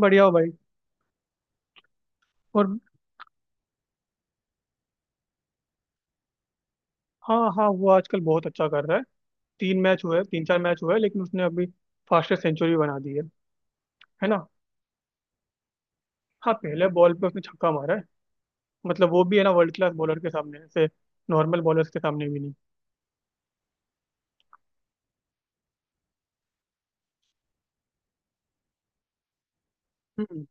बढ़िया हो भाई। और हाँ हाँ वो आजकल बहुत अच्छा कर रहा है। तीन मैच हुए तीन चार मैच हुए लेकिन उसने अभी फास्टेस्ट सेंचुरी बना दी है। है ना। हाँ पहले बॉल पे उसने छक्का मारा है। मतलब वो भी है ना वर्ल्ड क्लास बॉलर के सामने ऐसे नॉर्मल बॉलर्स के सामने भी नहीं। हम्म।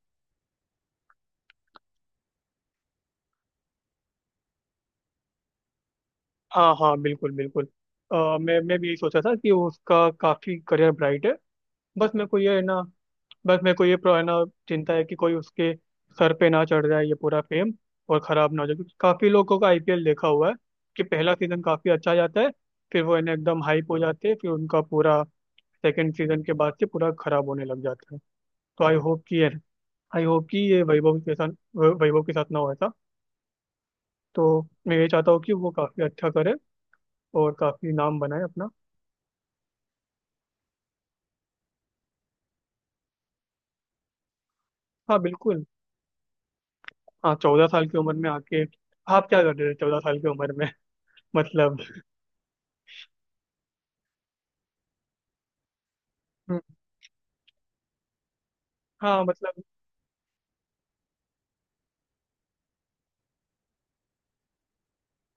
हाँ हाँ बिल्कुल बिल्कुल। मैं भी यही सोचा था कि उसका काफी करियर ब्राइट है। बस मेरे को ये है ना। बस मेरे को ये है ना। चिंता है कि कोई उसके सर पे ना चढ़ जाए ये पूरा फेम। और खराब ना हो जाए क्योंकि काफी लोगों का आईपीएल देखा हुआ है कि पहला सीजन काफी अच्छा जाता है। फिर वो है ना एकदम हाइप हो जाते हैं फिर उनका पूरा सेकंड सीजन के बाद से पूरा खराब होने लग जाता है। तो आई होप कि ये वैभव के साथ वैभव के साथ ना हो ऐसा। तो मैं ये चाहता हूँ कि वो काफी अच्छा करे और काफी नाम बनाए अपना। हाँ बिल्कुल। हाँ 14 साल की उम्र में आके आप क्या कर रहे थे 14 साल की उम्र में मतलब। हम्म, हाँ मतलब।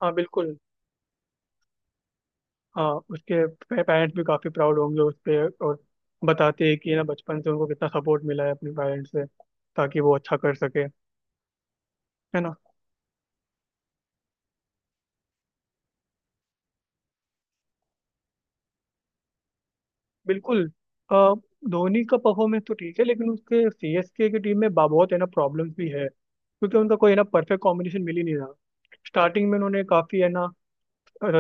हाँ बिल्कुल। हाँ उसके पेरेंट्स भी काफ़ी प्राउड होंगे उस पे। और बताते हैं कि ना बचपन से उनको कितना सपोर्ट मिला है अपने पेरेंट्स से ताकि वो अच्छा कर सके। है ना। बिल्कुल। अ, धोनी का परफॉर्मेंस तो ठीक है लेकिन उसके सीएसके की टीम में बहुत है ना प्रॉब्लम्स भी है क्योंकि उनका कोई है ना परफेक्ट कॉम्बिनेशन मिल ही नहीं रहा। स्टार्टिंग में उन्होंने काफ़ी है ना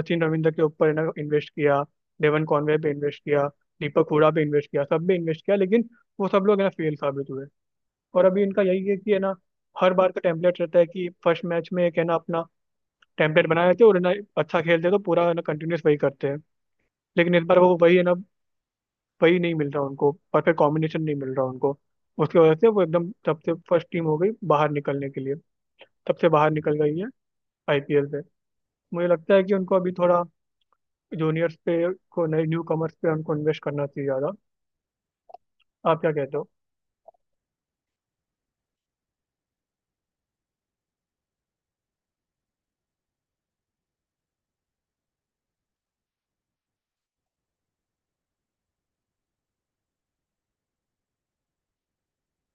सचिन रविंद्र के ऊपर है ना इन्वेस्ट किया। डेवन कॉनवे पे इन्वेस्ट किया। दीपक हुडा पे इन्वेस्ट किया सब पे इन्वेस्ट किया लेकिन वो सब लोग है ना फेल साबित हुए। और अभी इनका यही है कि है ना हर बार का टेम्पलेट रहता है कि फर्स्ट मैच में एक है ना अपना टेम्पलेट बनाए रहते हैं और है ना अच्छा खेलते हैं तो पूरा है ना कंटिन्यूस वही करते हैं। लेकिन इस बार वो वही है ना वही नहीं मिल रहा उनको परफेक्ट कॉम्बिनेशन नहीं मिल रहा उनको। उसकी वजह से वो एकदम सबसे फर्स्ट टीम हो गई बाहर निकलने के लिए। तब से बाहर निकल गई है आईपीएल से। मुझे लगता है कि उनको अभी थोड़ा जूनियर्स पे को नए न्यू कमर्स पे उनको इन्वेस्ट करना चाहिए ज़्यादा। आप क्या कहते हो?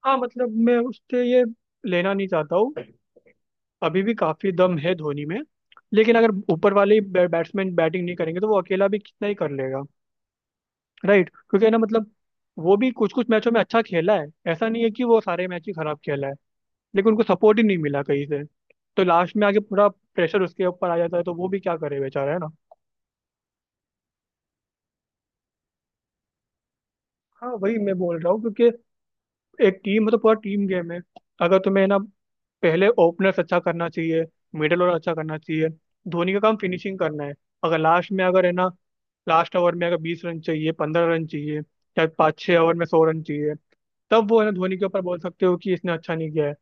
हाँ मतलब मैं उससे ये लेना नहीं चाहता हूँ। अभी भी काफी दम है धोनी में। लेकिन अगर ऊपर वाले ही बैट्समैन बैटिंग नहीं करेंगे तो वो अकेला भी कितना ही कर लेगा। राइट क्योंकि है ना मतलब वो भी कुछ कुछ मैचों में अच्छा खेला है ऐसा नहीं है कि वो सारे मैच ही खराब खेला है। लेकिन उनको सपोर्ट ही नहीं मिला कहीं से। तो लास्ट में आके पूरा प्रेशर उसके ऊपर आ जाता है तो वो भी क्या करे बेचारा है ना। हाँ वही मैं बोल रहा हूँ क्योंकि एक टीम मतलब पूरा टीम गेम है। अगर तुम्हें ना पहले ओपनर्स अच्छा करना चाहिए। मिडल और अच्छा करना चाहिए। धोनी का काम फिनिशिंग करना है। अगर लास्ट में अगर है ना लास्ट ओवर में अगर 20 रन चाहिए 15 रन चाहिए या पाँच छः ओवर में 100 रन चाहिए तब वो है ना धोनी के ऊपर बोल सकते हो कि इसने अच्छा नहीं किया है।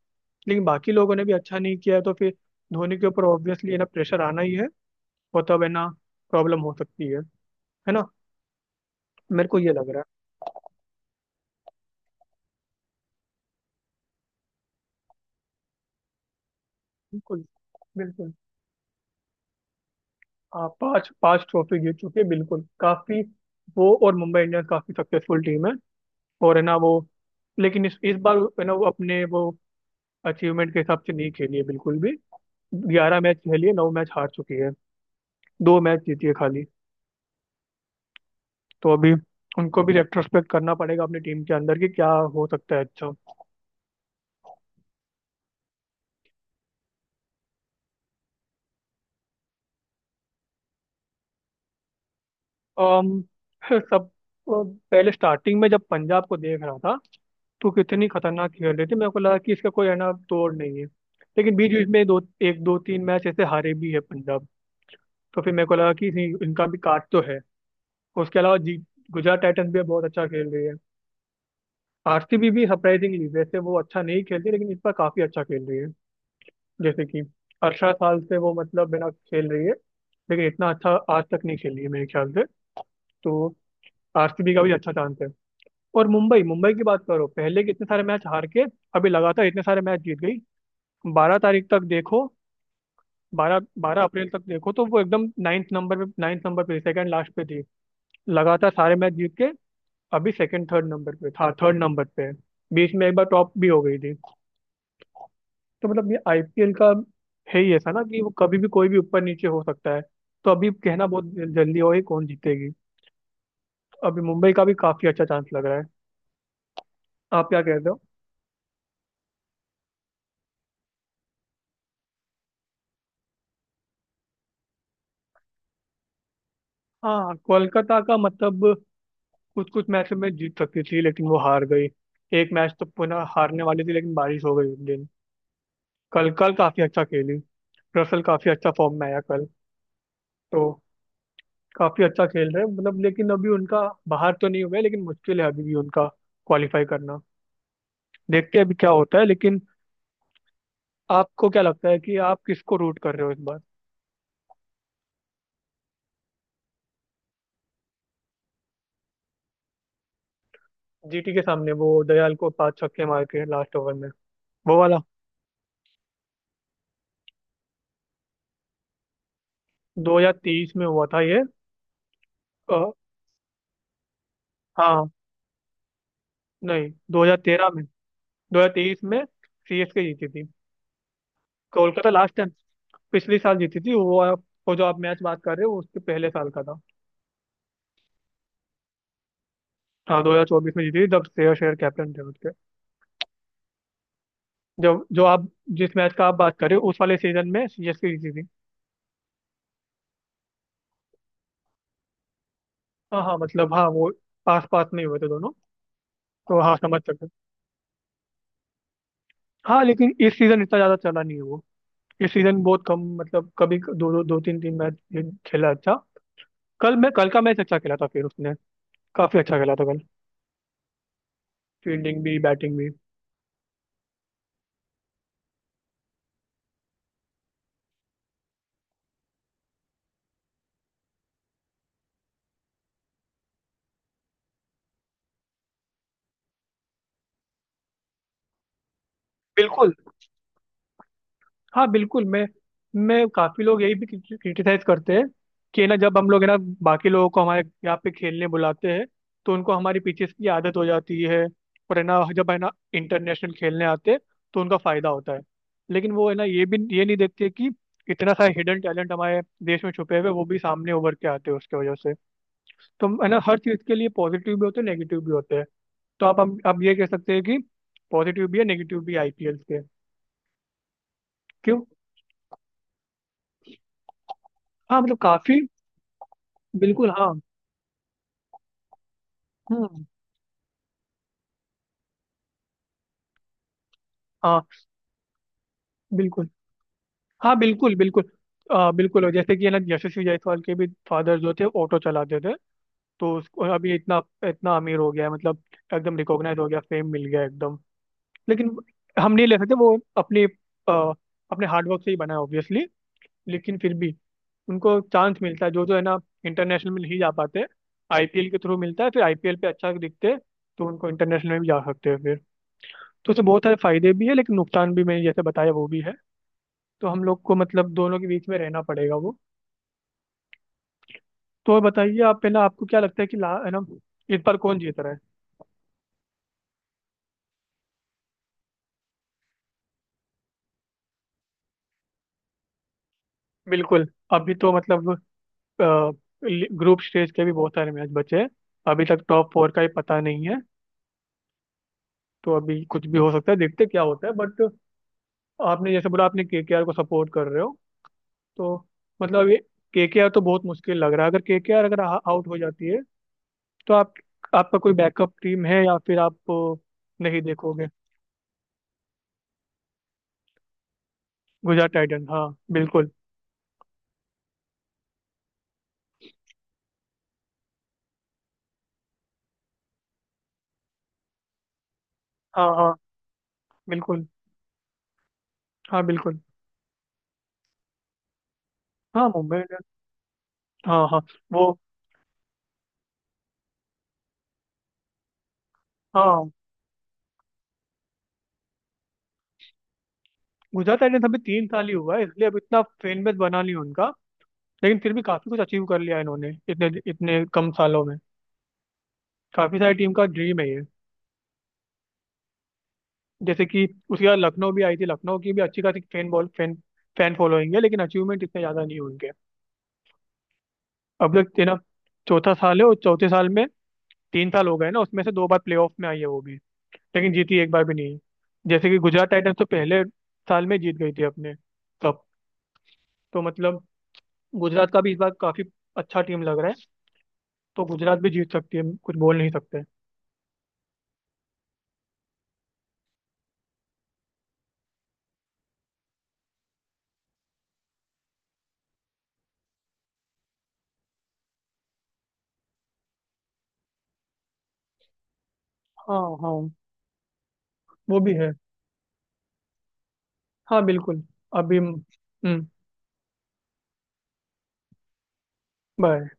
लेकिन बाकी लोगों ने भी अच्छा नहीं किया है तो फिर धोनी के ऊपर ऑब्वियसली है ना प्रेशर आना ही है। और तब है ना प्रॉब्लम हो सकती है। है ना। मेरे को ये लग रहा है। बिल्कुल बिल्कुल। हाँ पांच पांच ट्रॉफी जीत चुके हैं बिल्कुल काफी। वो और मुंबई इंडियंस काफी सक्सेसफुल टीम है। और है ना वो लेकिन इस बार है ना वो अपने वो अचीवमेंट के हिसाब से नहीं खेली है बिल्कुल भी। 11 मैच खेली है नौ मैच हार चुकी है। दो मैच जीती है खाली। तो अभी उनको भी रेट्रोस्पेक्ट करना पड़ेगा अपनी टीम के अंदर कि क्या हो सकता है अच्छा। अम, सब। पहले स्टार्टिंग में जब पंजाब को देख रहा था तो कितनी खतरनाक खेल रही थी मेरे को लगा कि इसका कोई है ना तोड़ नहीं है। लेकिन बीच बीच में दो एक दो तीन मैच ऐसे हारे भी है पंजाब। तो फिर मेरे को लगा कि नहीं, इनका भी काट तो है। उसके अलावा जी गुजरात टाइटंस भी बहुत अच्छा खेल रही है। आरसीबी भी सरप्राइजिंगली वैसे वो अच्छा नहीं खेलती लेकिन इस बार काफी अच्छा खेल रही है। जैसे कि 18 साल से वो मतलब बिना खेल रही है लेकिन इतना अच्छा आज तक नहीं खेली है मेरे ख्याल से। तो आरसीबी का भी अच्छा चांस है। और मुंबई मुंबई की बात करो पहले कितने सारे मैच हार के अभी लगातार इतने सारे मैच जीत गई। 12 तारीख तक देखो। बारह 12 अप्रैल तक देखो तो वो एकदम नाइन्थ नंबर पे सेकंड लास्ट पे थी। लगातार सारे मैच जीत के अभी सेकंड थर्ड नंबर पे है। बीच में एक बार टॉप भी हो गई थी। तो मतलब ये आईपीएल का है ही ऐसा ना कि वो कभी भी कोई भी ऊपर नीचे हो सकता है। तो अभी कहना बहुत जल्दी हो ही कौन जीतेगी। अभी मुंबई का भी काफी अच्छा चांस लग रहा है। आप क्या कहते हो? हाँ कोलकाता का मतलब कुछ कुछ मैच में जीत सकती थी लेकिन वो हार गई। एक मैच तो पुनः हारने वाली थी लेकिन बारिश हो गई उस दिन। कल कल काफी अच्छा खेली। रसल काफी अच्छा फॉर्म में आया कल। तो काफी अच्छा खेल रहे हैं मतलब लेकिन अभी उनका बाहर तो नहीं हुआ है लेकिन मुश्किल है अभी भी उनका क्वालिफाई करना। देखते हैं अभी क्या होता है लेकिन आपको क्या लगता है कि आप किसको रूट कर रहे हो इस बार? जीटी के सामने वो दयाल को पांच छक्के मार के लास्ट ओवर में वो वाला 2023 में हुआ था ये। अ, हाँ। नहीं। 2013 में। 2023 में सीएसके जीती थी। कोलकाता लास्ट टाइम पिछले साल जीती थी वो वो जो आप मैच बात कर रहे हो वो उसके पहले साल का था। हाँ 2024 में जीती थी जब श्रेयस अय्यर कैप्टन थे उसके। जब जो आप जिस मैच का आप बात कर रहे हो उस वाले सीजन में सीएसके जीती थी। हाँ हाँ मतलब हाँ वो पास पास नहीं हुए थे दोनों। तो हाँ समझ सकते हैं। हाँ लेकिन इस सीजन इतना ज्यादा चला नहीं है वो। इस सीजन बहुत कम मतलब कभी दो दो, दो तीन तीन मैच खेला अच्छा। कल मैं कल का मैच अच्छा खेला था फिर उसने काफी अच्छा खेला था कल। फील्डिंग भी बैटिंग भी। बिल्कुल। हाँ बिल्कुल मैं काफी लोग यही भी क्रिटिसाइज करते हैं कि ना जब हम लोग है ना बाकी लोगों को हमारे यहाँ पे खेलने बुलाते हैं तो उनको हमारी पिचेस की आदत हो जाती है। और है ना जब है ना इंटरनेशनल खेलने आते हैं तो उनका फायदा होता है। लेकिन वो है ना ये भी ये नहीं देखते कि इतना सारा हिडन टैलेंट हमारे देश में छुपे हुए हैं, वो भी सामने उभर के आते हैं उसके वजह से। तो है ना हर चीज के लिए पॉजिटिव भी होते हैं नेगेटिव भी होते हैं। तो आप हम आप ये कह सकते हैं कि पॉजिटिव भी है नेगेटिव भी आईपीएल के। क्यों? हाँ मतलब काफी बिल्कुल हाँ। हम्म। हाँ बिल्कुल। हाँ बिल्कुल बिल्कुल। बिल्कुल और जैसे कि है ना यशस्वी जायसवाल के भी फादर जो थे ऑटो चलाते थे। तो उसको अभी इतना इतना अमीर हो गया है, मतलब एकदम रिकॉग्नाइज हो गया फेम मिल गया एकदम। लेकिन हम नहीं ले सकते वो अपने आ, अपने हार्डवर्क से ही बना है ऑब्वियसली। लेकिन फिर भी उनको चांस मिलता है जो जो है ना इंटरनेशनल में नहीं जा पाते। आईपीएल के थ्रू मिलता है फिर आईपीएल पे अच्छा दिखते हैं तो उनको इंटरनेशनल में भी जा सकते हैं फिर। तो उससे बहुत सारे फायदे भी है लेकिन नुकसान भी मैंने जैसे बताया वो भी है। तो हम लोग को मतलब दोनों के बीच में रहना पड़ेगा वो। तो बताइए आप पहले आपको क्या लगता है कि ला है ना इस बार कौन जीत रहा है? बिल्कुल। अभी तो मतलब ग्रुप स्टेज के भी बहुत सारे मैच बचे हैं। अभी तक टॉप फोर का ही पता नहीं है। तो अभी कुछ भी हो सकता है देखते क्या होता है बट आपने जैसे बोला आपने केकेआर को सपोर्ट कर रहे हो। तो मतलब ये केकेआर तो बहुत मुश्किल लग रहा है अगर केकेआर अगर आउट हो जाती है तो आप आपका कोई बैकअप टीम है या फिर आप नहीं देखोगे। गुजरात टाइटन हाँ बिल्कुल। हाँ हाँ बिल्कुल। हाँ बिल्कुल। हाँ मुंबई इंडियंस हाँ हाँ। वो हाँ गुजरात टाइटंस अभी 3 साल ही हुआ है इसलिए अब इतना फैन बेस बना नहीं उनका। लेकिन फिर भी काफी कुछ अचीव कर लिया इन्होंने इतने इतने कम सालों में। काफी सारी टीम का ड्रीम है ये। जैसे कि उसके बाद लखनऊ भी आई थी लखनऊ की भी अच्छी खासी fan ball fan fan following है लेकिन अचीवमेंट इतने ज्यादा नहीं है उनके। अब तक तेना चौथा साल है और चौथे साल में 3 साल हो गए ना उसमें से दो बार प्लेऑफ में आई है वो भी लेकिन जीती एक बार भी नहीं है। जैसे कि गुजरात टाइटंस तो पहले साल में जीत गई थी अपने। तो मतलब गुजरात का भी इस बार काफी अच्छा टीम लग रहा है। तो गुजरात भी जीत सकती है कुछ बोल नहीं सकते। हाँ हाँ वो भी है। हाँ बिल्कुल। अभी हम्म। बाय।